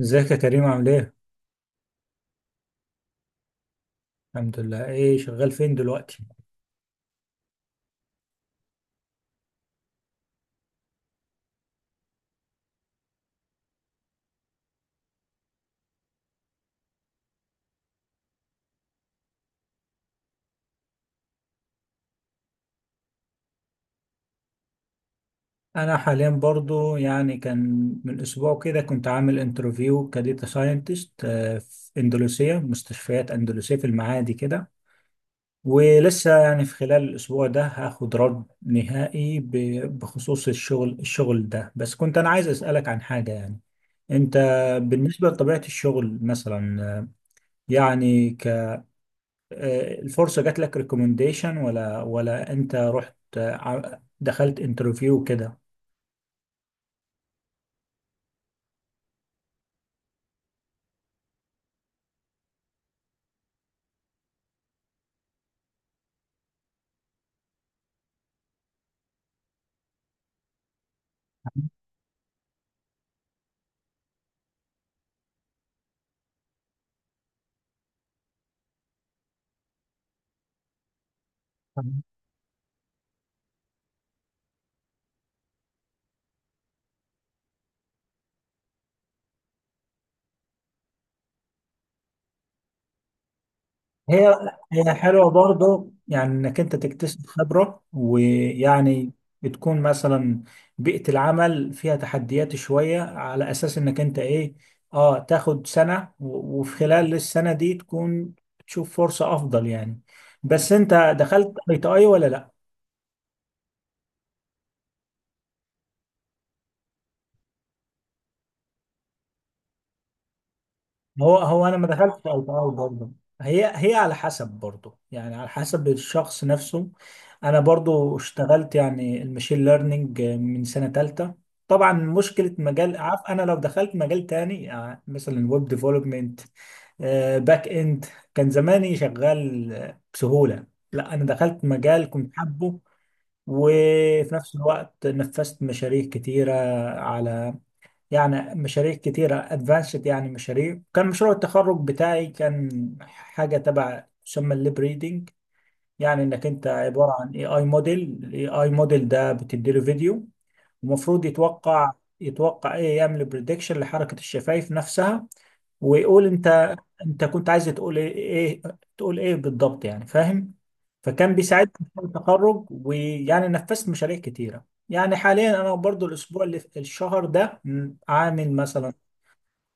ازيك يا كريم؟ عامل ايه؟ الحمد لله، ايه شغال فين دلوقتي؟ انا حاليا برضو كان من اسبوع كده كنت عامل انترفيو كديتا ساينتست في اندلسية، مستشفيات اندلسية في المعادي كده. ولسه في خلال الاسبوع ده هاخد رد نهائي بخصوص الشغل ده. بس كنت انا عايز اسألك عن حاجة. انت بالنسبة لطبيعة الشغل مثلا، يعني الفرصة جات لك ريكومنديشن ولا انت رحت، دخلت انترفيو كده؟ هي هي حلوة برضه، يعني انك انت تكتسب خبرة، ويعني بتكون مثلا بيئة العمل فيها تحديات شوية على اساس انك انت ايه، اه تاخد سنة وفي خلال السنة دي تكون تشوف فرصة افضل يعني. بس انت دخلت اي تي اي ولا لا؟ هو انا ما دخلتش اي تي اي برضه. هي على حسب برضه، يعني على حسب الشخص نفسه. انا برضه اشتغلت يعني المشين ليرنينج من سنه ثالثه. طبعا مشكله مجال، عارف انا لو دخلت مجال تاني، يعني مثلا ويب ديفلوبمنت، باك اند، كان زماني شغال بسهوله. لا انا دخلت مجال كنت حابه، وفي نفس الوقت نفذت مشاريع كتيره على، يعني مشاريع كتيرة ادفانسد. يعني مشاريع، كان مشروع التخرج بتاعي كان حاجة تبع تسمى الليب ريدنج. يعني انك انت عبارة عن اي اي موديل، الاي اي موديل ده بتديله فيديو ومفروض يتوقع، يتوقع يعمل بريدكشن لحركة الشفايف نفسها، ويقول انت، انت كنت عايز تقول ايه، تقول ايه بالضبط، يعني فاهم. فكان بيساعدني في مشروع التخرج، ويعني نفذت مشاريع كتيرة. يعني حاليا انا برضو الاسبوع اللي الشهر ده عامل مثلا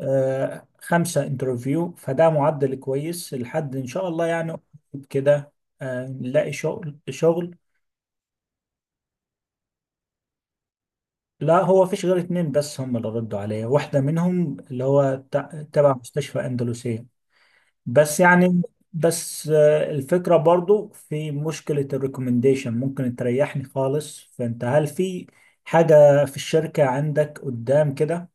5 انترفيو، فده معدل كويس. لحد ان شاء الله يعني قريب كده نلاقي شغل. لا هو فيش غير اتنين بس هم اللي ردوا عليا، واحدة منهم اللي هو تبع مستشفى أندلسية. بس يعني، بس الفكرة برضو في مشكلة الريكومنديشن ممكن تريحني خالص. فانت هل في حاجة في الشركة عندك قدام كده؟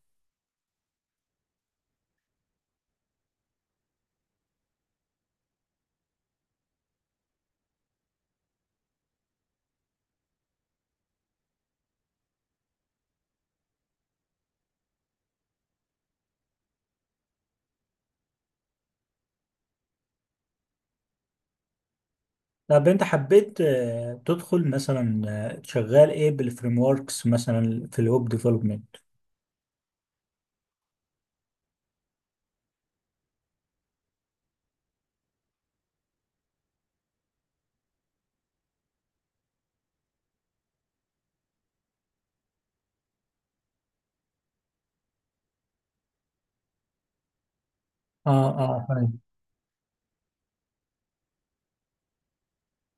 طب انت حبيت تدخل مثلا شغال ايه بالفريم وركس مثلا في الويب ديفلوبمنت؟ اه اه فاهم.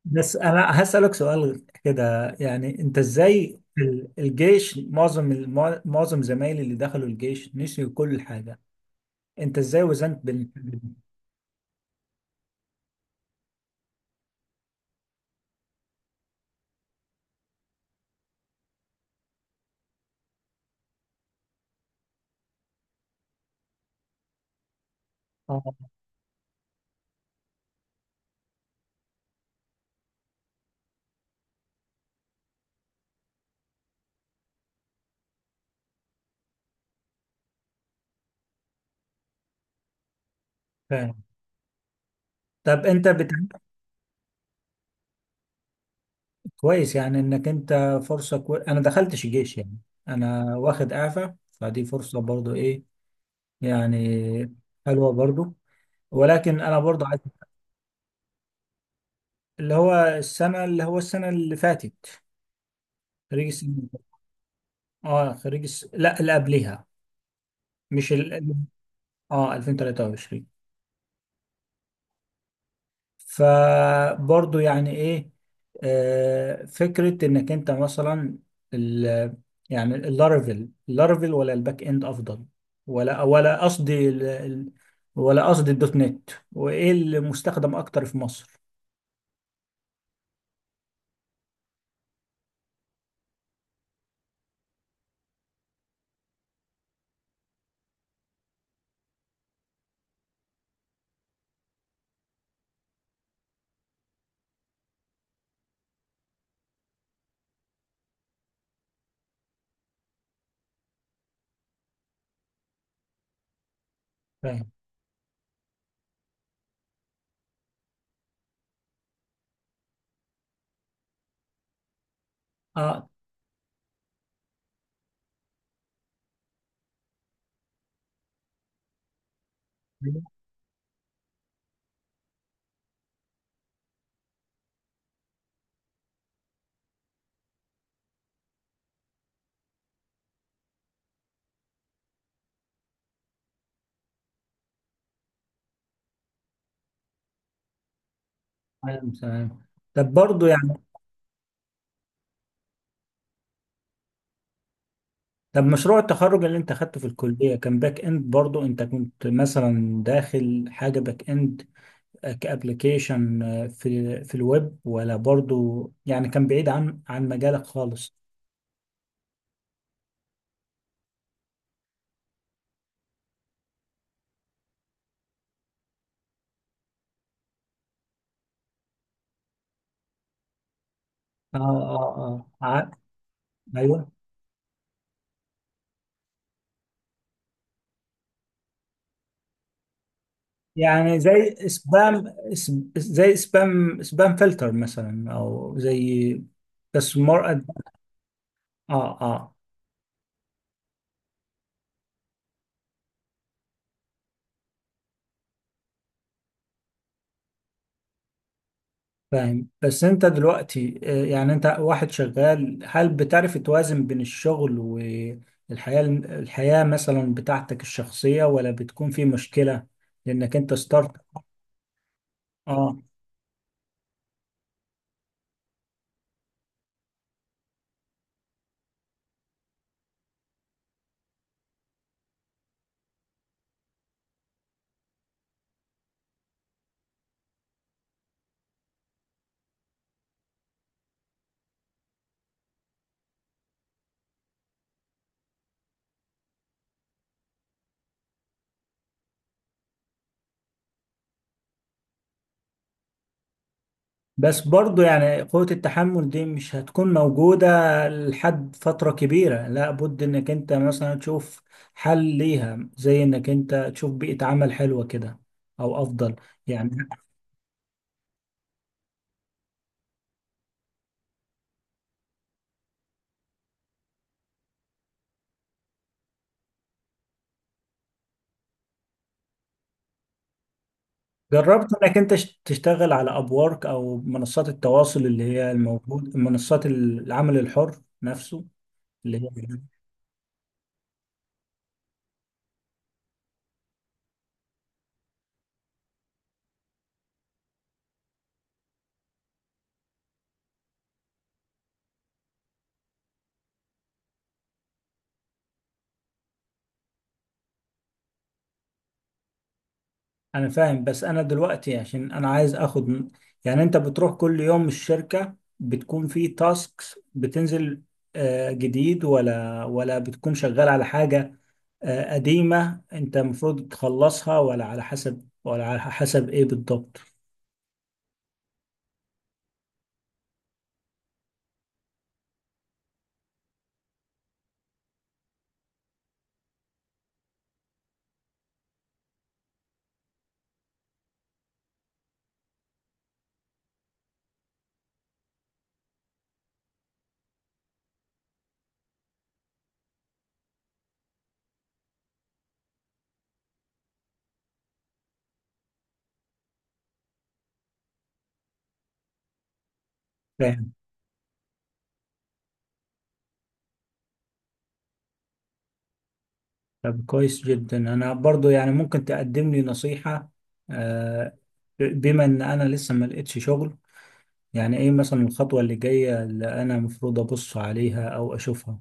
بس انا هسألك سؤال كده، يعني انت ازاي الجيش؟ معظم معظم زمايلي اللي دخلوا الجيش نسيوا كل حاجة. انت ازاي وزنت بين، اه فاهم. طب انت بت... كويس يعني انك انت فرصة كو... انا دخلتش الجيش يعني. انا واخد اعفاء، فدي فرصة برضو ايه يعني، حلوة برضو. ولكن انا برضه عايز، اللي هو السنه، اللي فاتت. خريج السنه اللي فاتت. اه خريج الس... لا اللي قبلها، مش ال... اه 2023. فبرضه يعني ايه، آه فكره انك انت مثلا ال... يعني اللارفل، اللارفل ولا الباك اند افضل؟ ولا قصدي ال... ولا قصدي الدوت نت، وايه المستخدم اكتر في مصر؟ فاهم اه. تمام تمام. طب برضه يعني، طب مشروع التخرج اللي انت خدته في الكلية كان باك اند برضو؟ انت كنت مثلا داخل حاجة باك اند كابليكيشن في الويب، ولا برضو يعني كان بعيد عن مجالك خالص؟ اه اه اه ايوه. يعني زي سبام، اس- زي سبام فلتر مثلا، او زي، بس مور أد... اه اه فاهم. بس انت دلوقتي يعني انت واحد شغال، هل بتعرف توازن بين الشغل الحياة مثلا بتاعتك الشخصية، ولا بتكون في مشكلة لانك انت ستارت؟ اه. بس برضو يعني قوة التحمل دي مش هتكون موجودة لحد فترة كبيرة. لا بد انك انت مثلا تشوف حل ليها، زي انك انت تشوف بيئة عمل حلوة كده او افضل يعني. جربت انك انت تشتغل على ابورك او منصات التواصل اللي هي الموجود، منصات العمل الحر نفسه، اللي هي، انا فاهم. بس انا دلوقتي عشان انا عايز اخد يعني انت بتروح كل يوم الشركة بتكون في تاسكس بتنزل جديد، ولا ولا بتكون شغال على حاجة قديمة انت المفروض تخلصها، ولا على حسب؟ ولا على حسب ايه بالضبط؟ طب كويس جدا. انا برضو يعني ممكن تقدم لي نصيحة؟ آه، بما ان انا لسه ما لقيتش شغل، يعني ايه مثلا الخطوة اللي جاية اللي انا المفروض ابص عليها او اشوفها؟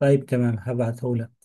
طيب تمام، هبعتهولك.